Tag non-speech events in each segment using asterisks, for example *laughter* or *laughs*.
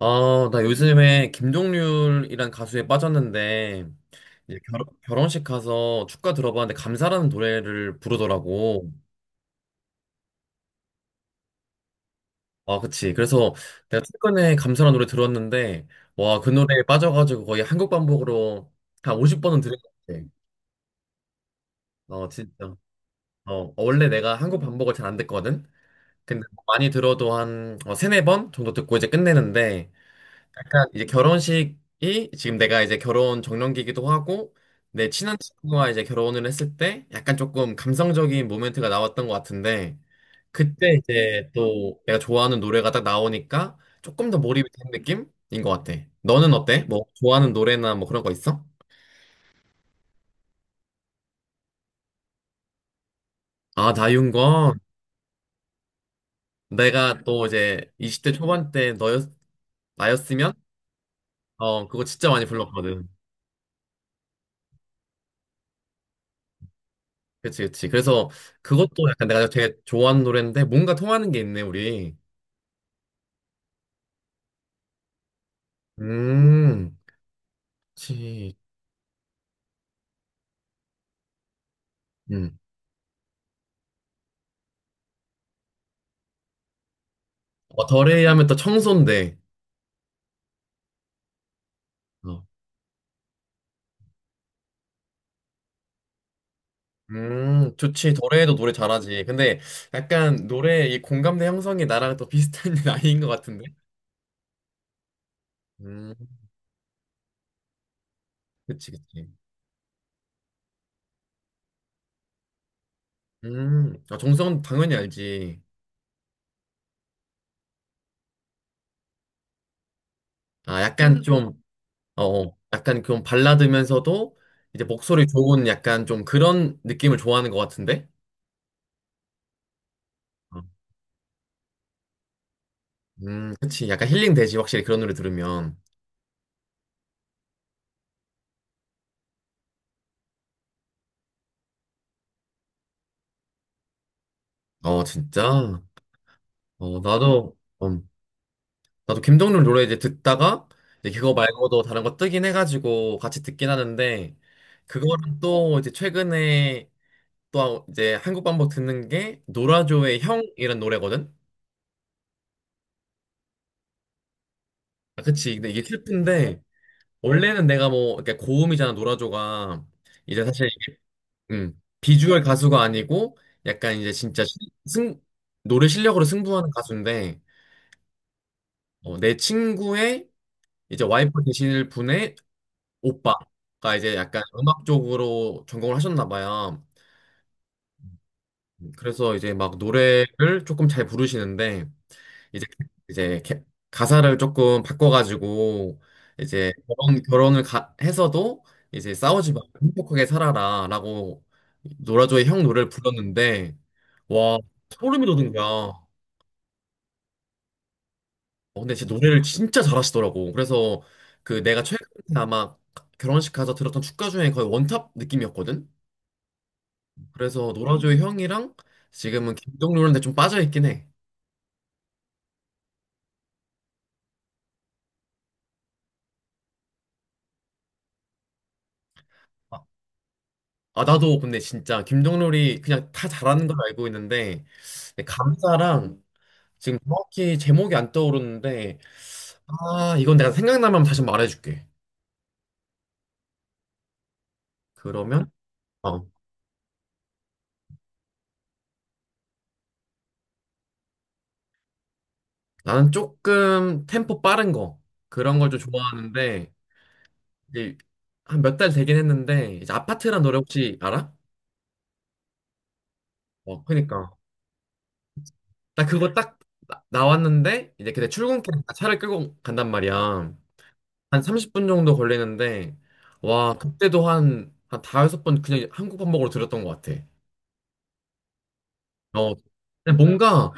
아, 나 요즘에 김종률이란 가수에 빠졌는데, 이제 결혼식 가서 축가 들어봤는데, 감사라는 노래를 부르더라고. 아, 그치. 그래서 내가 최근에 감사라는 노래 들었는데, 와, 그 노래에 빠져가지고 거의 한국 반복으로 한 50번은 들은 것 같아. 어, 진짜. 어, 원래 내가 한국 반복을 잘 안 듣거든? 근데 많이 들어도 한 세네 번 정도 듣고 이제 끝내는데, 약간 이제 결혼식이 지금 내가 이제 결혼 정년기이기도 하고 내 친한 친구와 이제 결혼을 했을 때 약간 조금 감성적인 모멘트가 나왔던 것 같은데 그때 이제 또 내가 좋아하는 노래가 딱 나오니까 조금 더 몰입이 된 느낌인 것 같아. 너는 어때? 뭐 좋아하는 노래나 뭐 그런 거 있어? 아, 나윤건 내가 또 이제 20대 초반 때 너였 나였으면 그거 진짜 많이 불렀거든. 그치 그치. 그래서 그것도 약간 내가 되게 좋아하는 노래인데 뭔가 통하는 게 있네 우리. 음, 그치. 음. 어, 더레이 하면 또 청소인데. 어. 좋지. 더레이도 노래 잘하지. 근데 약간 노래 이 공감대 형성이 나랑 또 비슷한 *laughs* 나이인 것 같은데. 음, 그치, 그치. 아, 정성은 당연히 알지. 아, 약간 좀, 약간 좀 발라드면서도 이제 목소리 좋은 약간 좀 그런 느낌을 좋아하는 것 같은데. 어, 그치. 약간 힐링 되지. 확실히 그런 노래 들으면. 어, 진짜. 어, 나도. 음. 나도 김동률 노래 이제 듣다가 이제 그거 말고도 다른 거 뜨긴 해가지고 같이 듣긴 하는데 그거랑 또 이제 최근에 또 이제 한국 반복 듣는 게 노라조의 형이란 노래거든. 아, 그치. 근데 이게 슬픈데 원래는 내가 뭐 이렇게 고음이잖아 노라조가 이제 사실 비주얼 가수가 아니고 약간 이제 진짜 시- 승 노래 실력으로 승부하는 가수인데 어, 내 친구의 이제 와이프 되실 분의 오빠가 이제 약간 음악 쪽으로 전공을 하셨나 봐요. 그래서 이제 막 노래를 조금 잘 부르시는데 이제 이제 가사를 조금 바꿔가지고 이제 결혼을 해서도 이제 싸우지 말고 행복하게 살아라라고 노라조의 형 노래를 불렀는데 와 소름이 돋은 거야. 어, 근데 진짜 노래를 진짜 잘하시더라고. 그래서 그 내가 최근에 아마 결혼식 가서 들었던 축가 중에 거의 원탑 느낌이었거든. 그래서 노라조의 형이랑 지금은 김동률한테 좀 빠져있긴 해. 아, 아, 나도 근데 진짜 김동률이 그냥 다 잘하는 걸 알고 있는데, 근데 감사랑 지금 정확히 제목이 안 떠오르는데, 아, 이건 내가 생각나면 다시 말해줄게. 그러면, 어, 나는 조금 템포 빠른 거, 그런 걸 좀 좋아하는데, 이제 한 몇 달 되긴 했는데, 이제 아파트란 노래 혹시 알아? 어, 그니까. 나 그거 딱 나왔는데, 이제 그때 출근길에 차를 끌고 간단 말이야. 한 30분 정도 걸리는데, 와, 그때도 한, 5번 그냥 한국 반복으로 들었던 것 같아. 어, 근데 뭔가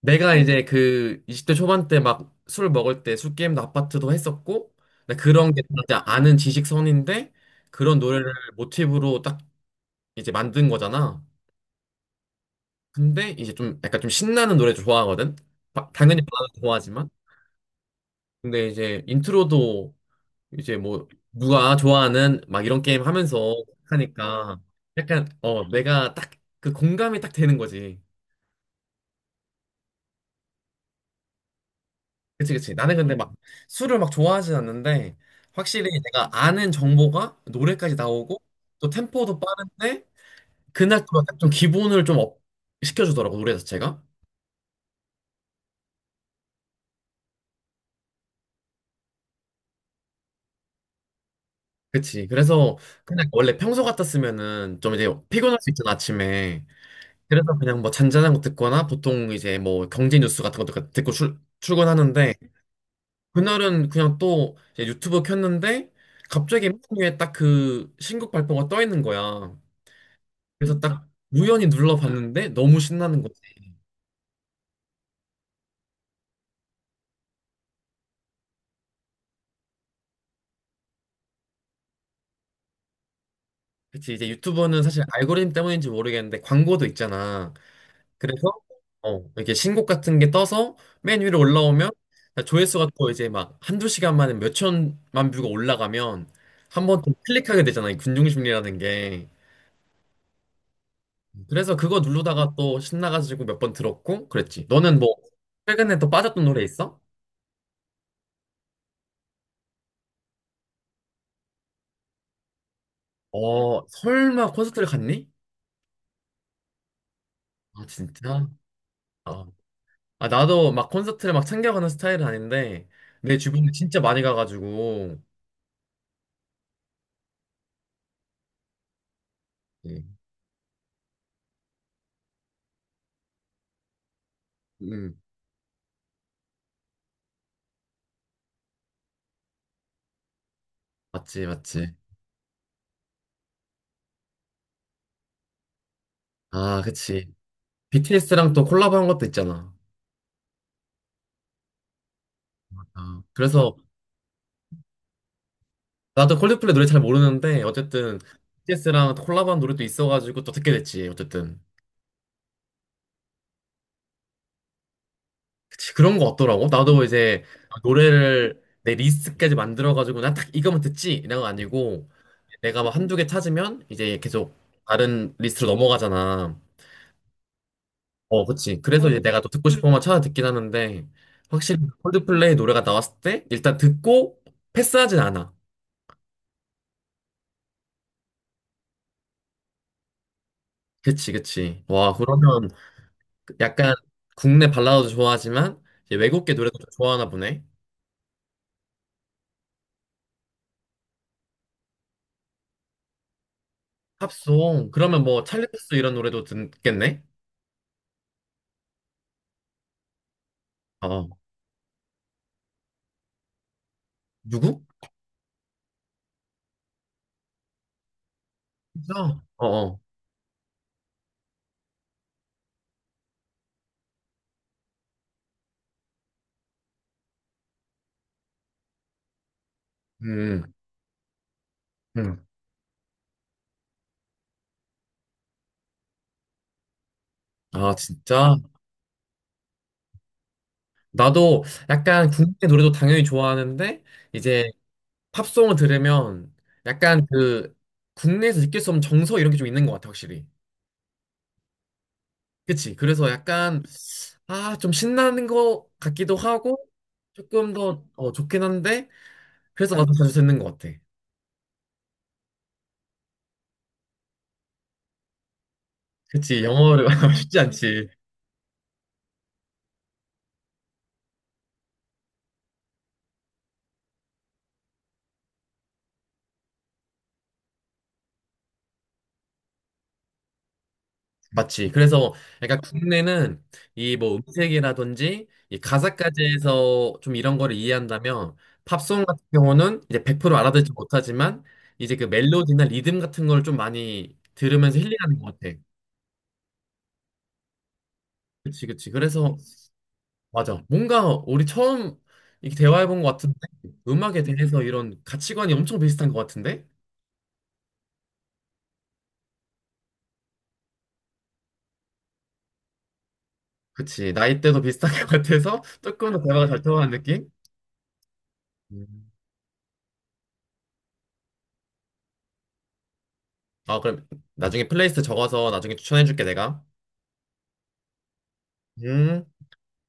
내가 이제 그 20대 초반 때 막 술 먹을 때 술 게임도 아파트도 했었고, 근데 그런 게 진짜 아는 지식선인데, 그런 노래를 모티브로 딱 이제 만든 거잖아. 근데 이제 좀 약간 좀 신나는 노래 좋아하거든? 당연히 바라도 좋아하지만. 근데 이제 인트로도 이제 뭐 누가 좋아하는 막 이런 게임 하면서 하니까 약간 내가 딱 그 공감이 딱 되는 거지. 그치 그치. 나는 근데 막 술을 막 좋아하진 않는데 확실히 내가 아는 정보가 노래까지 나오고 또 템포도 빠른데 그날 또 약간 좀 기분을 좀 업 시켜주더라고 노래 자체가. 그치. 그래서 그냥 원래 평소 같았으면은 좀 이제 피곤할 수 있잖아 아침에. 그래서 그냥 뭐 잔잔한 거 듣거나 보통 이제 뭐 경제 뉴스 같은 것도 듣고 출근하는데 그날은 그냥 또 이제 유튜브 켰는데 갑자기 맨 위에 딱 그 신곡 발표가 떠 있는 거야. 그래서 딱 우연히 눌러봤는데 너무 신나는 거지. 그치 이제 유튜브는 사실 알고리즘 때문인지 모르겠는데 광고도 있잖아. 그래서 이렇게 신곡 같은 게 떠서 맨 위로 올라오면 조회수가 또 이제 막 한두 시간 만에 몇 천만 뷰가 올라가면 한 번 또 클릭하게 되잖아. 이 군중심리라는 게. 그래서 그거 누르다가 또 신나가지고 몇 번 들었고 그랬지. 너는 뭐 최근에 또 빠졌던 노래 있어? 어, 설마 콘서트를 갔니? 아, 진짜? 아, 아, 나도 막 콘서트를 막 챙겨가는 스타일은 아닌데 내 주변에 진짜 많이 가가지고 네. 음, 맞지, 맞지. 아, 그치. BTS랑 또 콜라보 한 것도 있잖아. 아, 그래서 나도 콜드플레이 노래 잘 모르는데 어쨌든 BTS랑 콜라보한 노래도 있어가지고 또 듣게 됐지, 어쨌든. 그치, 그런 거 없더라고. 나도 이제 노래를 내 리스트까지 만들어가지고 나 딱 이거만 듣지? 이런 거 아니고 내가 막 한두 개 찾으면 이제 계속 다른 리스트로 넘어가잖아. 어, 그치. 그래서 이제 내가 또 듣고 싶은 것만 찾아 듣긴 하는데 확실히 콜드플레이 노래가 나왔을 때 일단 듣고 패스하진 않아. 그치, 그치. 와, 그러면 약간 국내 발라드도 좋아하지만 이제 외국계 노래도 좀 좋아하나 보네. 팝송. 그러면 뭐 찰리 푸스 이런 노래도 듣겠네? 어, 누구? 진짜? 어어. 음, 음. 아, 진짜? 나도 약간 국내 노래도 당연히 좋아하는데, 이제 팝송을 들으면 약간 그 국내에서 느낄 수 없는 정서 이런 게 좀 있는 것 같아, 확실히. 그치? 그래서 약간, 아, 좀 신나는 것 같기도 하고, 조금 더 좋긴 한데, 그래서 나도 자주 듣는 것 같아. 그치? 영어를 *laughs* 쉽지 않지. 맞지. 그래서 약간 국내는 이 뭐 음색이라든지 이 가사까지 해서 좀 이런 거를 이해한다면 팝송 같은 경우는 이제 100% 알아듣지 못하지만 이제 그 멜로디나 리듬 같은 걸 좀 많이 들으면서 힐링하는 것 같아. 그치, 그치. 그래서 맞아. 뭔가 우리 처음 이렇게 대화해 본 것 같은데 음악에 대해서 이런 가치관이 엄청 비슷한 것 같은데? 그치. 나이대도 비슷한 *laughs* 것 같아서 조금 더 대화가 잘 통하는 느낌? 음. 아, 그럼 나중에 플레이리스트 적어서 나중에 추천해줄게, 내가. 음.